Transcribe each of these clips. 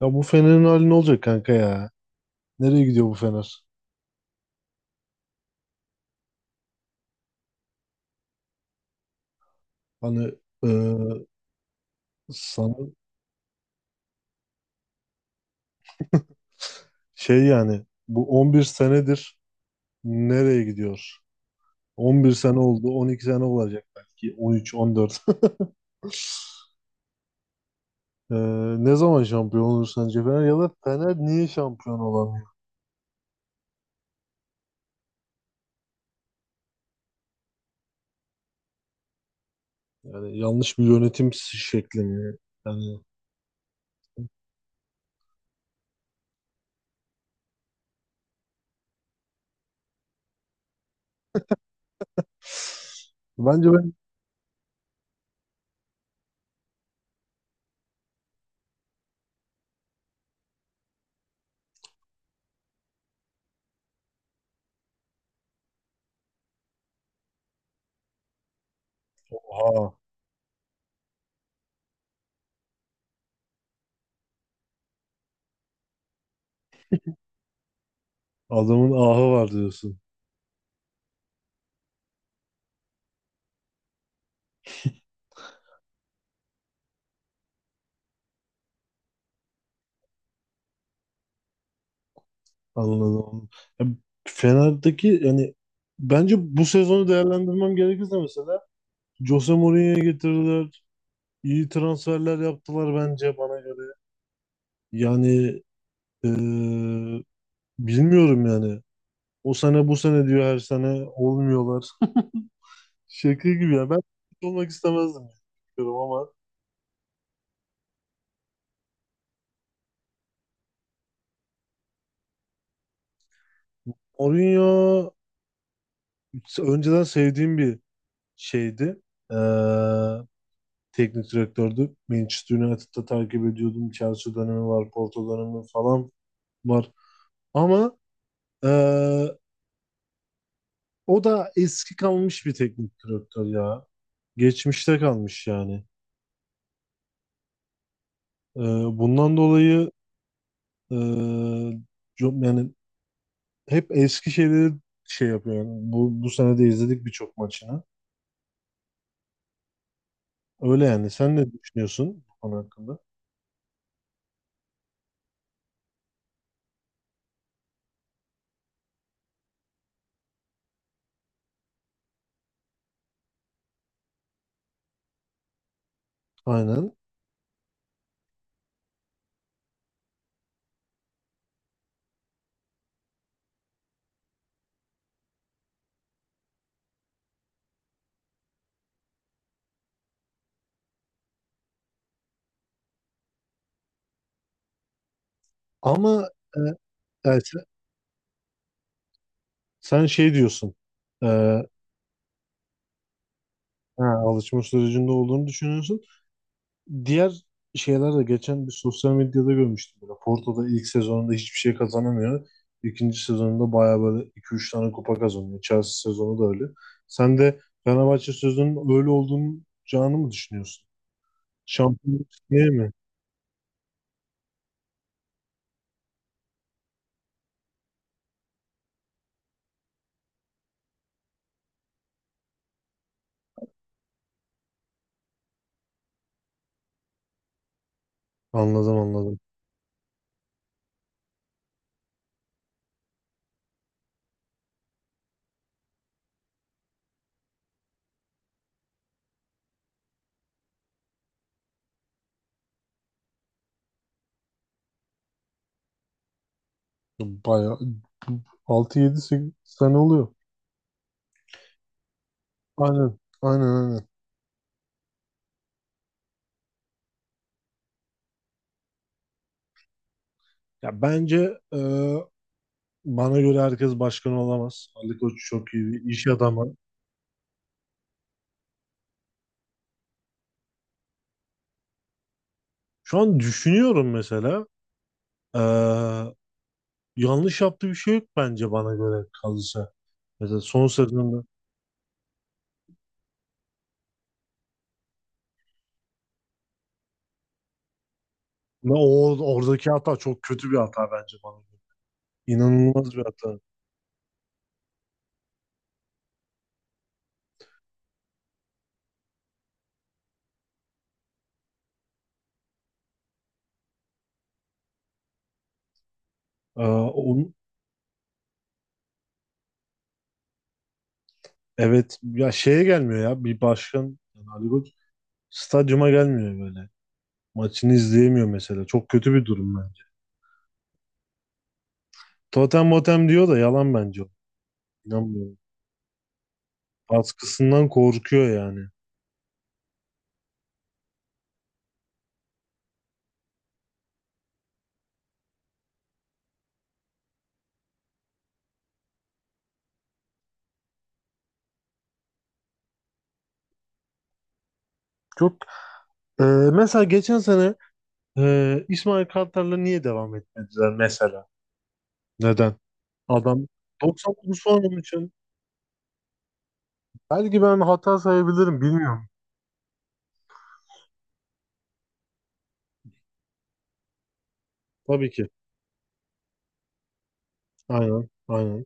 Ya bu Fener'in hali ne olacak kanka ya? Nereye gidiyor bu Fener? Hani e, sana şey yani bu 11 senedir nereye gidiyor? 11 sene oldu, 12 sene olacak belki 13, 14. E, Ne zaman şampiyon olur sence Fener ya da Fener niye şampiyon olamıyor? Yani yanlış bir yönetim şekli mi? Yani bence ben aha, adamın ahı var diyorsun. Anladım. Ya, Fener'deki yani bence bu sezonu değerlendirmem gerekirse mesela Jose Mourinho'ya getirdiler. İyi transferler yaptılar bence bana göre. Yani eee, bilmiyorum yani. O sene bu sene diyor her sene olmuyorlar. Şaka gibi ya. Ben olmak istemezdim diyorum ama Mourinho önceden sevdiğim bir şeydi. Eee Teknik direktördü. Manchester United'da takip ediyordum. Chelsea dönemi var, Porto dönemi falan var. Ama eee, o da eski kalmış bir teknik direktör ya. Geçmişte kalmış yani. Eee, Bundan dolayı eee, yani hep eski şeyleri şey yapıyor. Yani bu sene de izledik birçok maçını. Öyle yani. Sen ne düşünüyorsun bu konu hakkında? Aynen. Ama eee, yani sen şey diyorsun. Ha, alışma sürecinde olduğunu düşünüyorsun. Diğer şeyler de geçen bir sosyal medyada görmüştüm. Böyle Porto'da ilk sezonunda hiçbir şey kazanamıyor. İkinci sezonunda bayağı böyle 2-3 tane kupa kazanıyor. Chelsea sezonu da öyle. Sen de Fenerbahçe sezonunun öyle olduğunu canı mı düşünüyorsun? Şampiyonluk diye mi? Anladım anladım. Bayağı 6-7-8 sene oluyor. Aynen. Aynen, aynen. Ya bence bana göre herkes başkan olamaz. Ali Koç çok iyi bir iş adamı. Şu an düşünüyorum mesela. Ee, Yanlış yaptığı bir şey yok bence bana göre kalırsa. Mesela son sezonunda ve o oradaki hata çok kötü bir hata bence bana göre. İnanılmaz bir hata. Onun, evet ya, şeye gelmiyor ya bir başkan yani Ali Koç stadyuma gelmiyor böyle. Maçını izleyemiyor mesela. Çok kötü bir durum bence. Totem motem diyor da yalan bence o. İnanmıyorum. Baskısından korkuyor yani. Çok Ee, Mesela geçen sene İsmail Kartal'la niye devam etmediler mesela? Neden? Adam 99 puan için. Belki ben hata sayabilirim bilmiyorum. Tabii ki. Aynen. Aynen.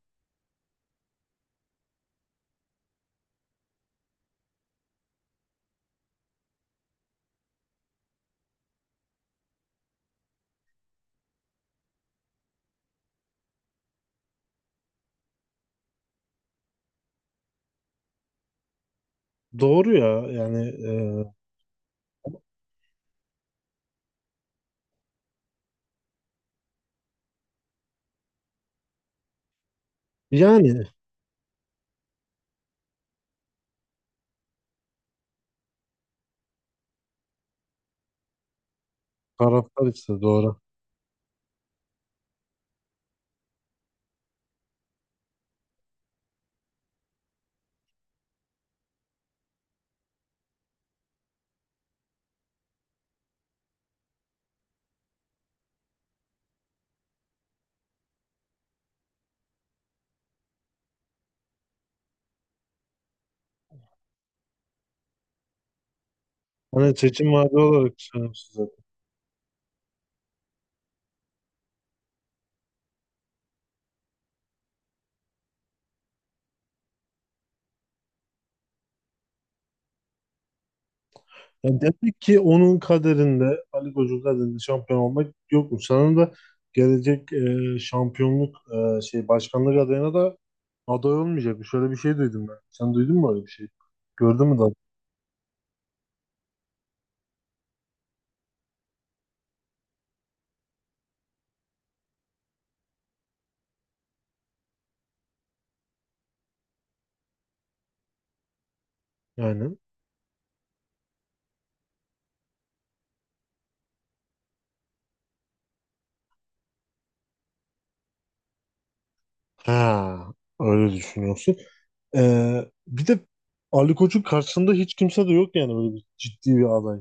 Doğru ya. Yani e, yani taraftar işte doğru. Hani seçim vaadi olarak düşünüyorum size. Yani demek ki onun kaderinde Ali Koç'un kaderinde şampiyon olmak yokmuş. Sanırım da gelecek şampiyonluk şey başkanlık adayına da aday olmayacak. Şöyle bir şey duydum ben. Sen duydun mu öyle bir şey? Gördün mü yani? Ha, öyle düşünüyorsun. Bir de Ali Koç'un karşısında hiç kimse de yok yani böyle bir ciddi bir aday.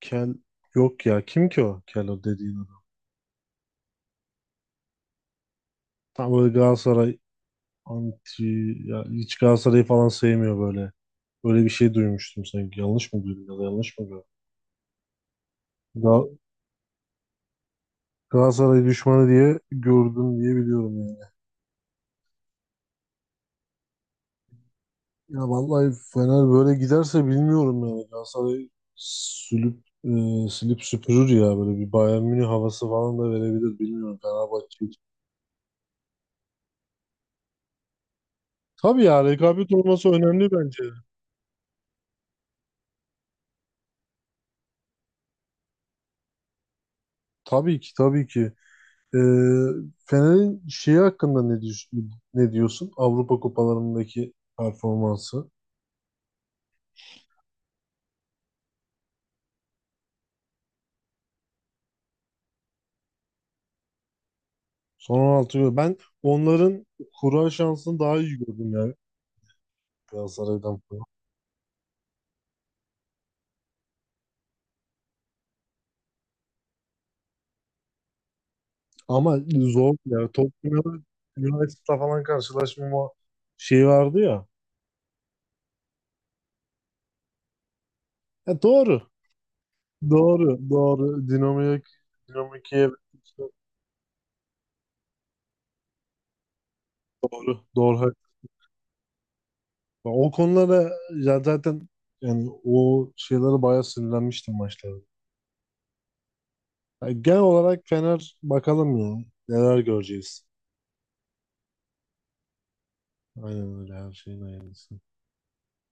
Kel yok ya. Kim ki o? Kel o dediğin adam. Tam böyle Galatasaray anti ya, hiç Galatasaray'ı falan sevmiyor böyle. Böyle bir şey duymuştum sanki. Yanlış mı duydum ya da yanlış mı gördüm? Gal Galatasaray düşmanı diye gördüm diye biliyorum yani. Ya vallahi Fener böyle giderse bilmiyorum yani. Galatasaray sülüp e, silip süpürür ya böyle bir Bayern Münih havası falan da verebilir, bilmiyorum Fenerbahçe için. Tabii ya, rekabet olması önemli bence. Tabii ki, tabii ki. E, Fener'in şeyi hakkında ne diyorsun? Avrupa kupalarındaki performansı. Son 16 yıl. Ben onların kura şansını daha iyi gördüm yani Galatasaray'dan. Ama zor ya. Tottenham'la United'la falan karşılaşmama şey vardı ya. Doğru. Doğru. Doğru. Dinamo Kiev doğru. Doğru. Haklı. O konulara ya zaten yani o şeylere bayağı sinirlenmiştim maçlarda. Yani genel olarak Fener bakalım ya. Neler göreceğiz. Aynen öyle, her şeyin aynısı.